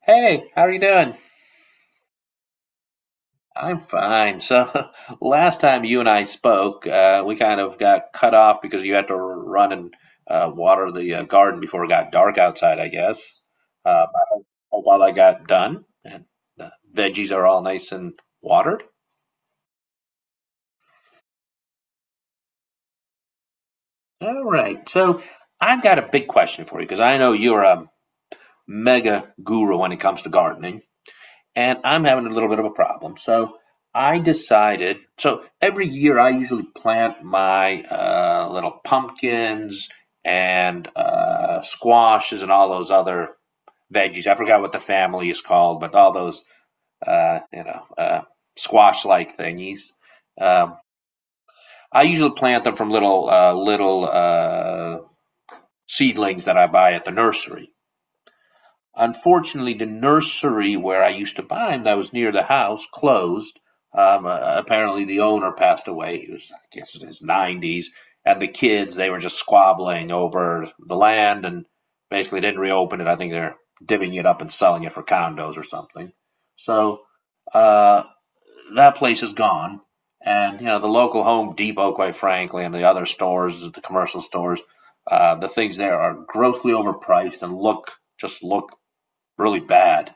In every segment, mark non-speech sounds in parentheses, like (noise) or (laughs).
Hey, how are you doing? I'm fine. So, (laughs) last time you and I spoke, we kind of got cut off because you had to run and water the garden before it got dark outside, I guess. I hope all that got done and the veggies are all nice and watered. All right. So, I've got a big question for you because I know you're a mega guru when it comes to gardening. And I'm having a little bit of a problem. So I decided. So every year I usually plant my little pumpkins and squashes and all those other veggies. I forgot what the family is called, but all those uh, you know uh, squash like thingies. Um, I usually plant them from little seedlings that I buy at the nursery. Unfortunately, the nursery where I used to buy them that was near the house, closed. Apparently, the owner passed away. He was, I guess, in his 90s. And the kids, they were just squabbling over the land and basically didn't reopen it. I think they're divvying it up and selling it for condos or something. So uh, that place is gone. And, you know, the local Home Depot, quite frankly, and the other stores, the commercial stores, the things there are grossly overpriced and look just look really bad.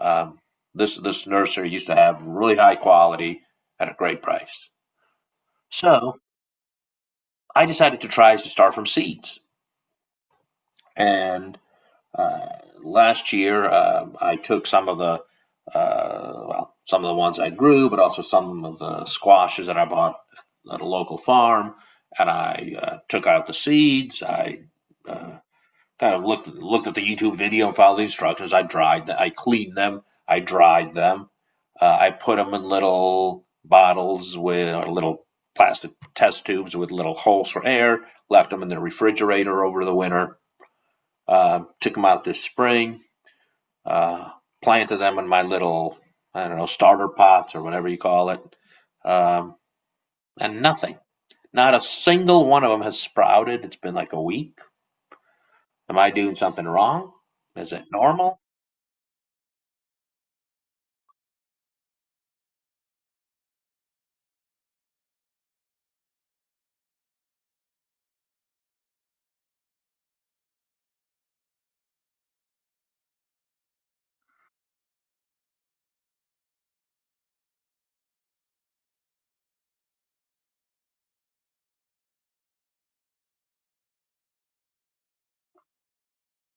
Um, this nursery used to have really high quality at a great price. So I decided to try to start from seeds. And uh, Last year, I took some of the well, some of the ones I grew, but also some of the squashes that I bought at a local farm. And I took out the seeds. I uh, kind of looked at the YouTube video and followed the instructions. I dried them. I cleaned them. I dried them. I put them in little bottles with or little plastic test tubes with little holes for air. Left them in the refrigerator over the winter. Took them out this spring. Uh, Planted them in my little, I don't know, starter pots or whatever you call it. Um, and nothing. Not a single one of them has sprouted. It's been like a week. Am I doing something wrong? Is it normal?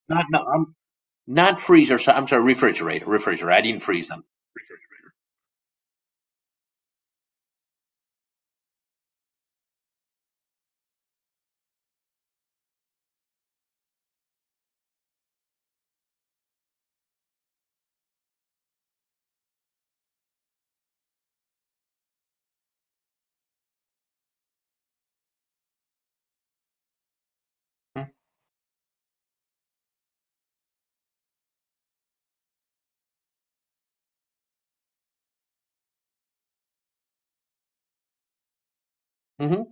Not no, I'm not freezer. So I'm sorry, refrigerator, refrigerator. I didn't freeze them. Hmm.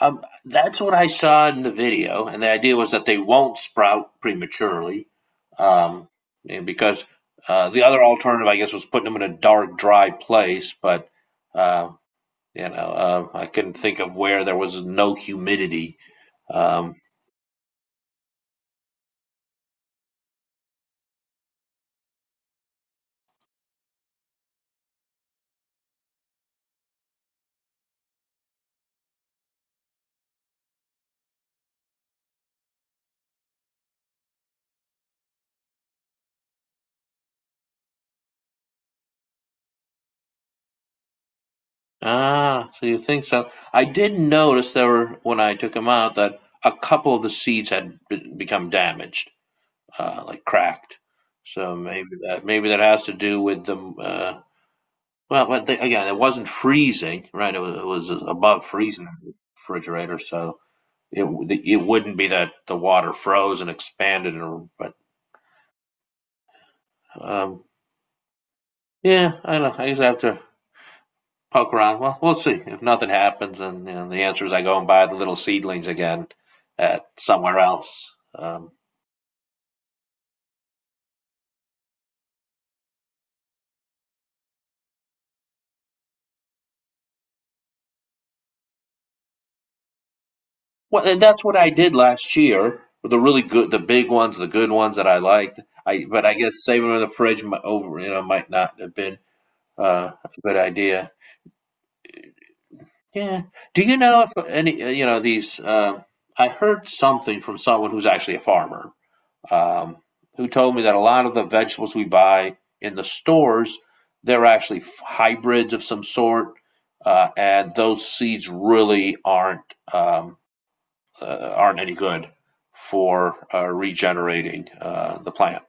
That's what I saw in the video, and the idea was that they won't sprout prematurely, um, because the other alternative, I guess, was putting them in a dark, dry place. But uh, you know, I couldn't think of where there was no humidity. Um, ah, so you think so? I did notice there were, when I took them out, that a couple of the seeds had become damaged. Like cracked. So maybe that has to do with the well, but they, again, it wasn't freezing, right? It was above freezing in the refrigerator, so it it wouldn't be that the water froze and expanded, or but um, yeah, I don't know. I just have to poke around. Well, we'll see. If nothing happens, and the answer is I go and buy the little seedlings again at somewhere else. Well, that's what I did last year. The really good, the big ones, the good ones that I liked. I, but I guess saving them in the fridge over, you know, might not have been a good idea. Yeah. Do you know if any, you know, these? I heard something from someone who's actually a farmer, um, who told me that a lot of the vegetables we buy in the stores, they're actually hybrids of some sort, and those seeds really aren't. Aren't any good for regenerating the plant.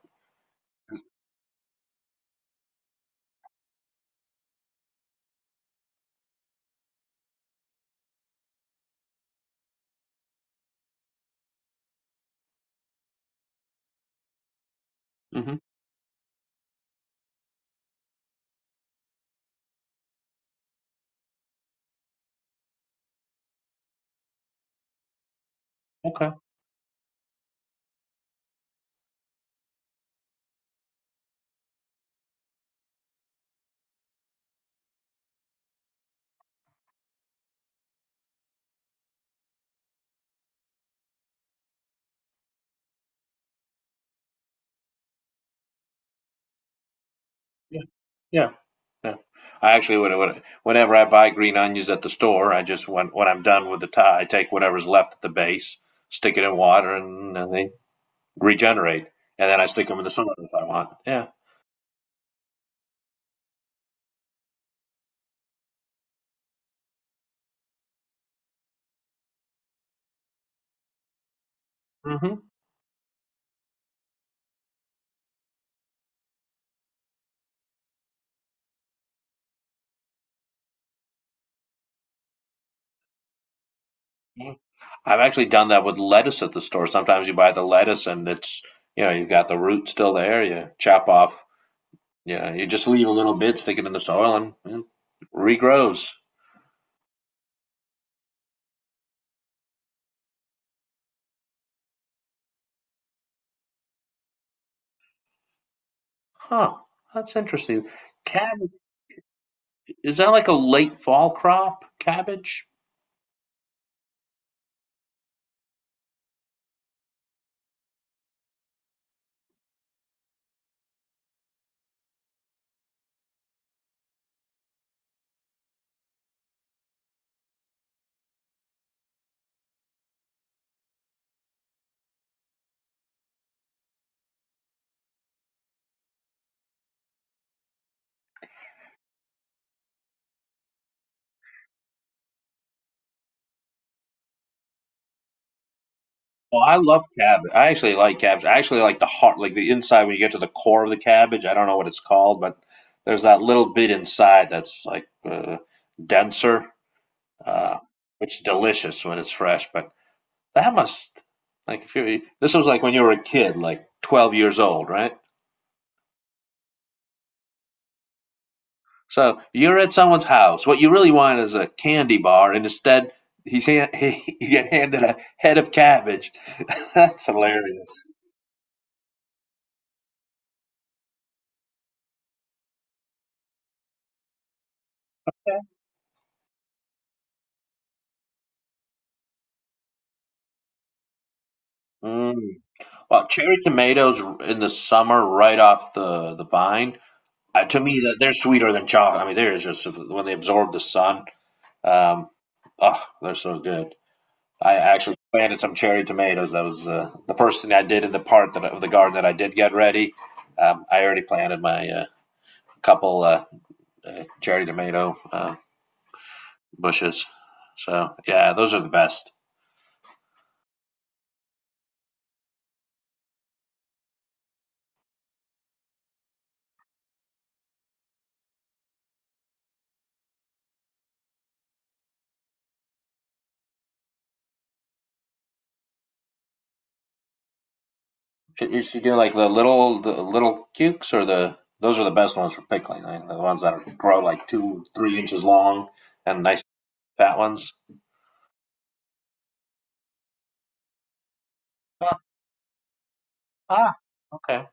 Hmm. Okay. Yeah. Yeah. Yeah. I actually would, whenever I buy green onions at the store, I just, when I'm done with the tie, I take whatever's left at the base, stick it in water, and they regenerate. And then I stick them in the soil if I want. Yeah. Hmm. I've actually done that with lettuce at the store. Sometimes you buy the lettuce and it's, you know, you've got the root still there. You chop off. Yeah, you just leave a little bit sticking in the soil and regrows. Huh, that's interesting. Cabbage, is that like a late fall crop? Cabbage? Well, I love cabbage. I actually like cabbage. I actually like the heart, like the inside when you get to the core of the cabbage. I don't know what it's called, but there's that little bit inside that's like denser, uh, which is delicious when it's fresh. But that must, like if you, this was like when you were a kid, like 12 years old, right? So you're at someone's house. What you really want is a candy bar, and instead, (laughs) he, you get handed a head of cabbage. (laughs) That's hilarious. Mm. Well, cherry tomatoes in the summer, right off the vine. To me, that they're sweeter than chocolate. I mean, they're just, when they absorb the sun. Um, oh, they're so good. I actually planted some cherry tomatoes. That was the first thing I did in the part, that, of the garden that I did get ready. I already planted my couple cherry tomato bushes. So yeah, those are the best. You should do like the little cukes, or the those are the best ones for pickling. I mean, the ones that are, grow like 2 3 inches long and nice fat ones. Ah, ah, okay.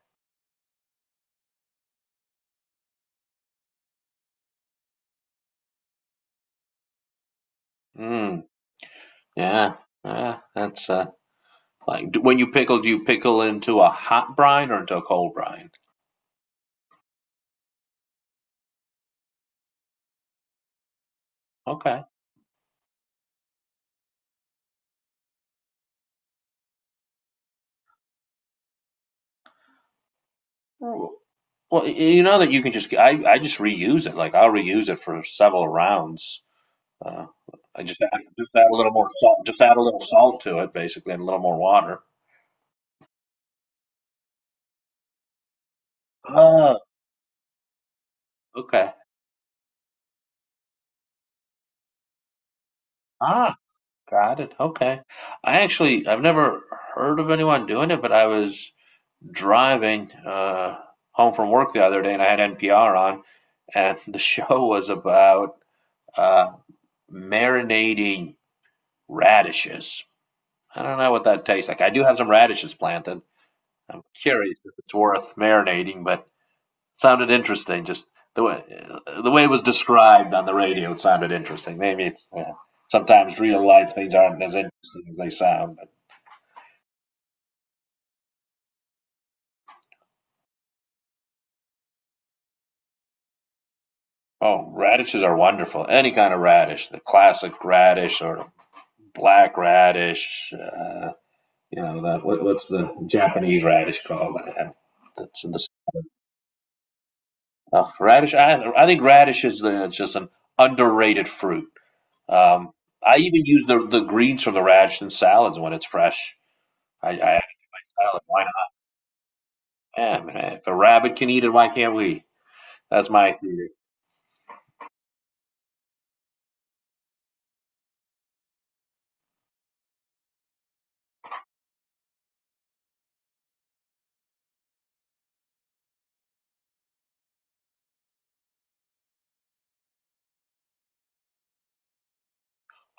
Mm, yeah, yeah. That's like, when you pickle, do you pickle into a hot brine or into a cold brine? Okay. Well, you know that you can just, I just reuse it. Like I'll reuse it for several rounds. Uh, I just add a little more salt, just add a little salt to it, basically, and a little more water. Oh, okay. Ah, got it. Okay. I actually, I've never heard of anyone doing it, but I was driving home from work the other day, and I had NPR on, and (laughs) the show was about uh, marinating radishes. I don't know what that tastes like. I do have some radishes planted. I'm curious if it's worth marinating, but sounded interesting. Just the way the way it was described on the radio, it sounded interesting. Maybe it's, yeah. Sometimes real life things aren't as interesting as they sound. But oh, radishes are wonderful. Any kind of radish, the classic radish or the black radish. You know that, what, what's the Japanese radish called? That's in the radish. I think radish is the, it's just an underrated fruit. Um, I even use the greens from the radish in salads when it's fresh. I Salad. Why not? Yeah, man. If a rabbit can eat it, why can't we? That's my theory.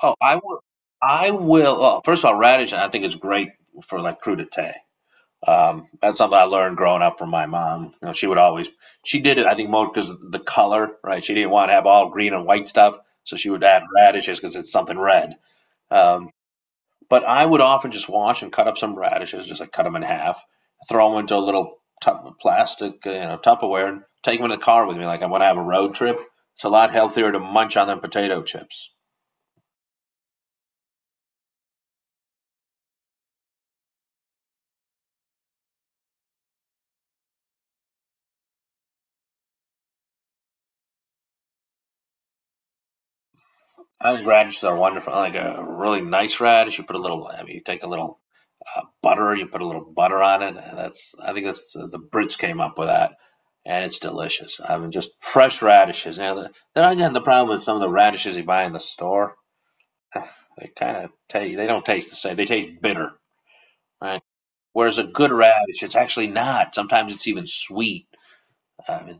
Oh, I will. I will. Oh, first of all, radish I think is great for like crudité. That's something I learned growing up from my mom. You know, she would always, she did it. I think more because of the color, right? She didn't want to have all green and white stuff, so she would add radishes because it's something red. Um, But I would often just wash and cut up some radishes, just like cut them in half, throw them into a little tup plastic, you know, Tupperware, and take them in the car with me. Like I want to have a road trip. It's a lot healthier to munch on than potato chips. I think radishes are wonderful. I like a really nice radish, you put a little. I mean, you take a little butter, you put a little butter on it. And that's, I think that's the Brits came up with that, and it's delicious. I mean, just fresh radishes. Now, the, then again, the problem is some of the radishes you buy in the store, they kind of taste. They don't taste the same. They taste bitter, right? Whereas a good radish, it's actually not. Sometimes it's even sweet. I mean,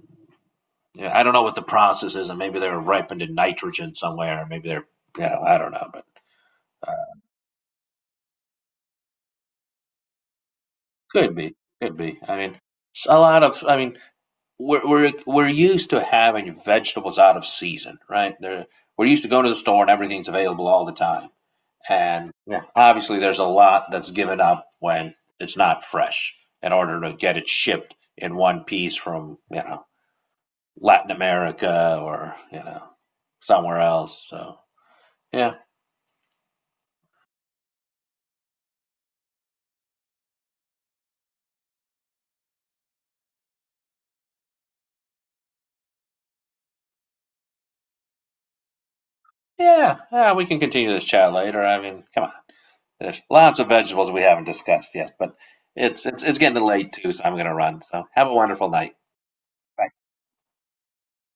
yeah, I don't know what the process is, and maybe they're ripened in nitrogen somewhere, or maybe they're, you know, I don't know, but could be, could be. I mean, a lot of, I mean, we're used to having vegetables out of season, right? They're, we're used to going to the store and everything's available all the time. And yeah, obviously, there's a lot that's given up when it's not fresh in order to get it shipped in one piece from, you know, Latin America or, you know, somewhere else. So yeah, yeah, yeah. We can continue this chat later. I mean, come on, there's lots of vegetables we haven't discussed yet, but it's getting late too, so I'm gonna run. So have a wonderful night. Bye.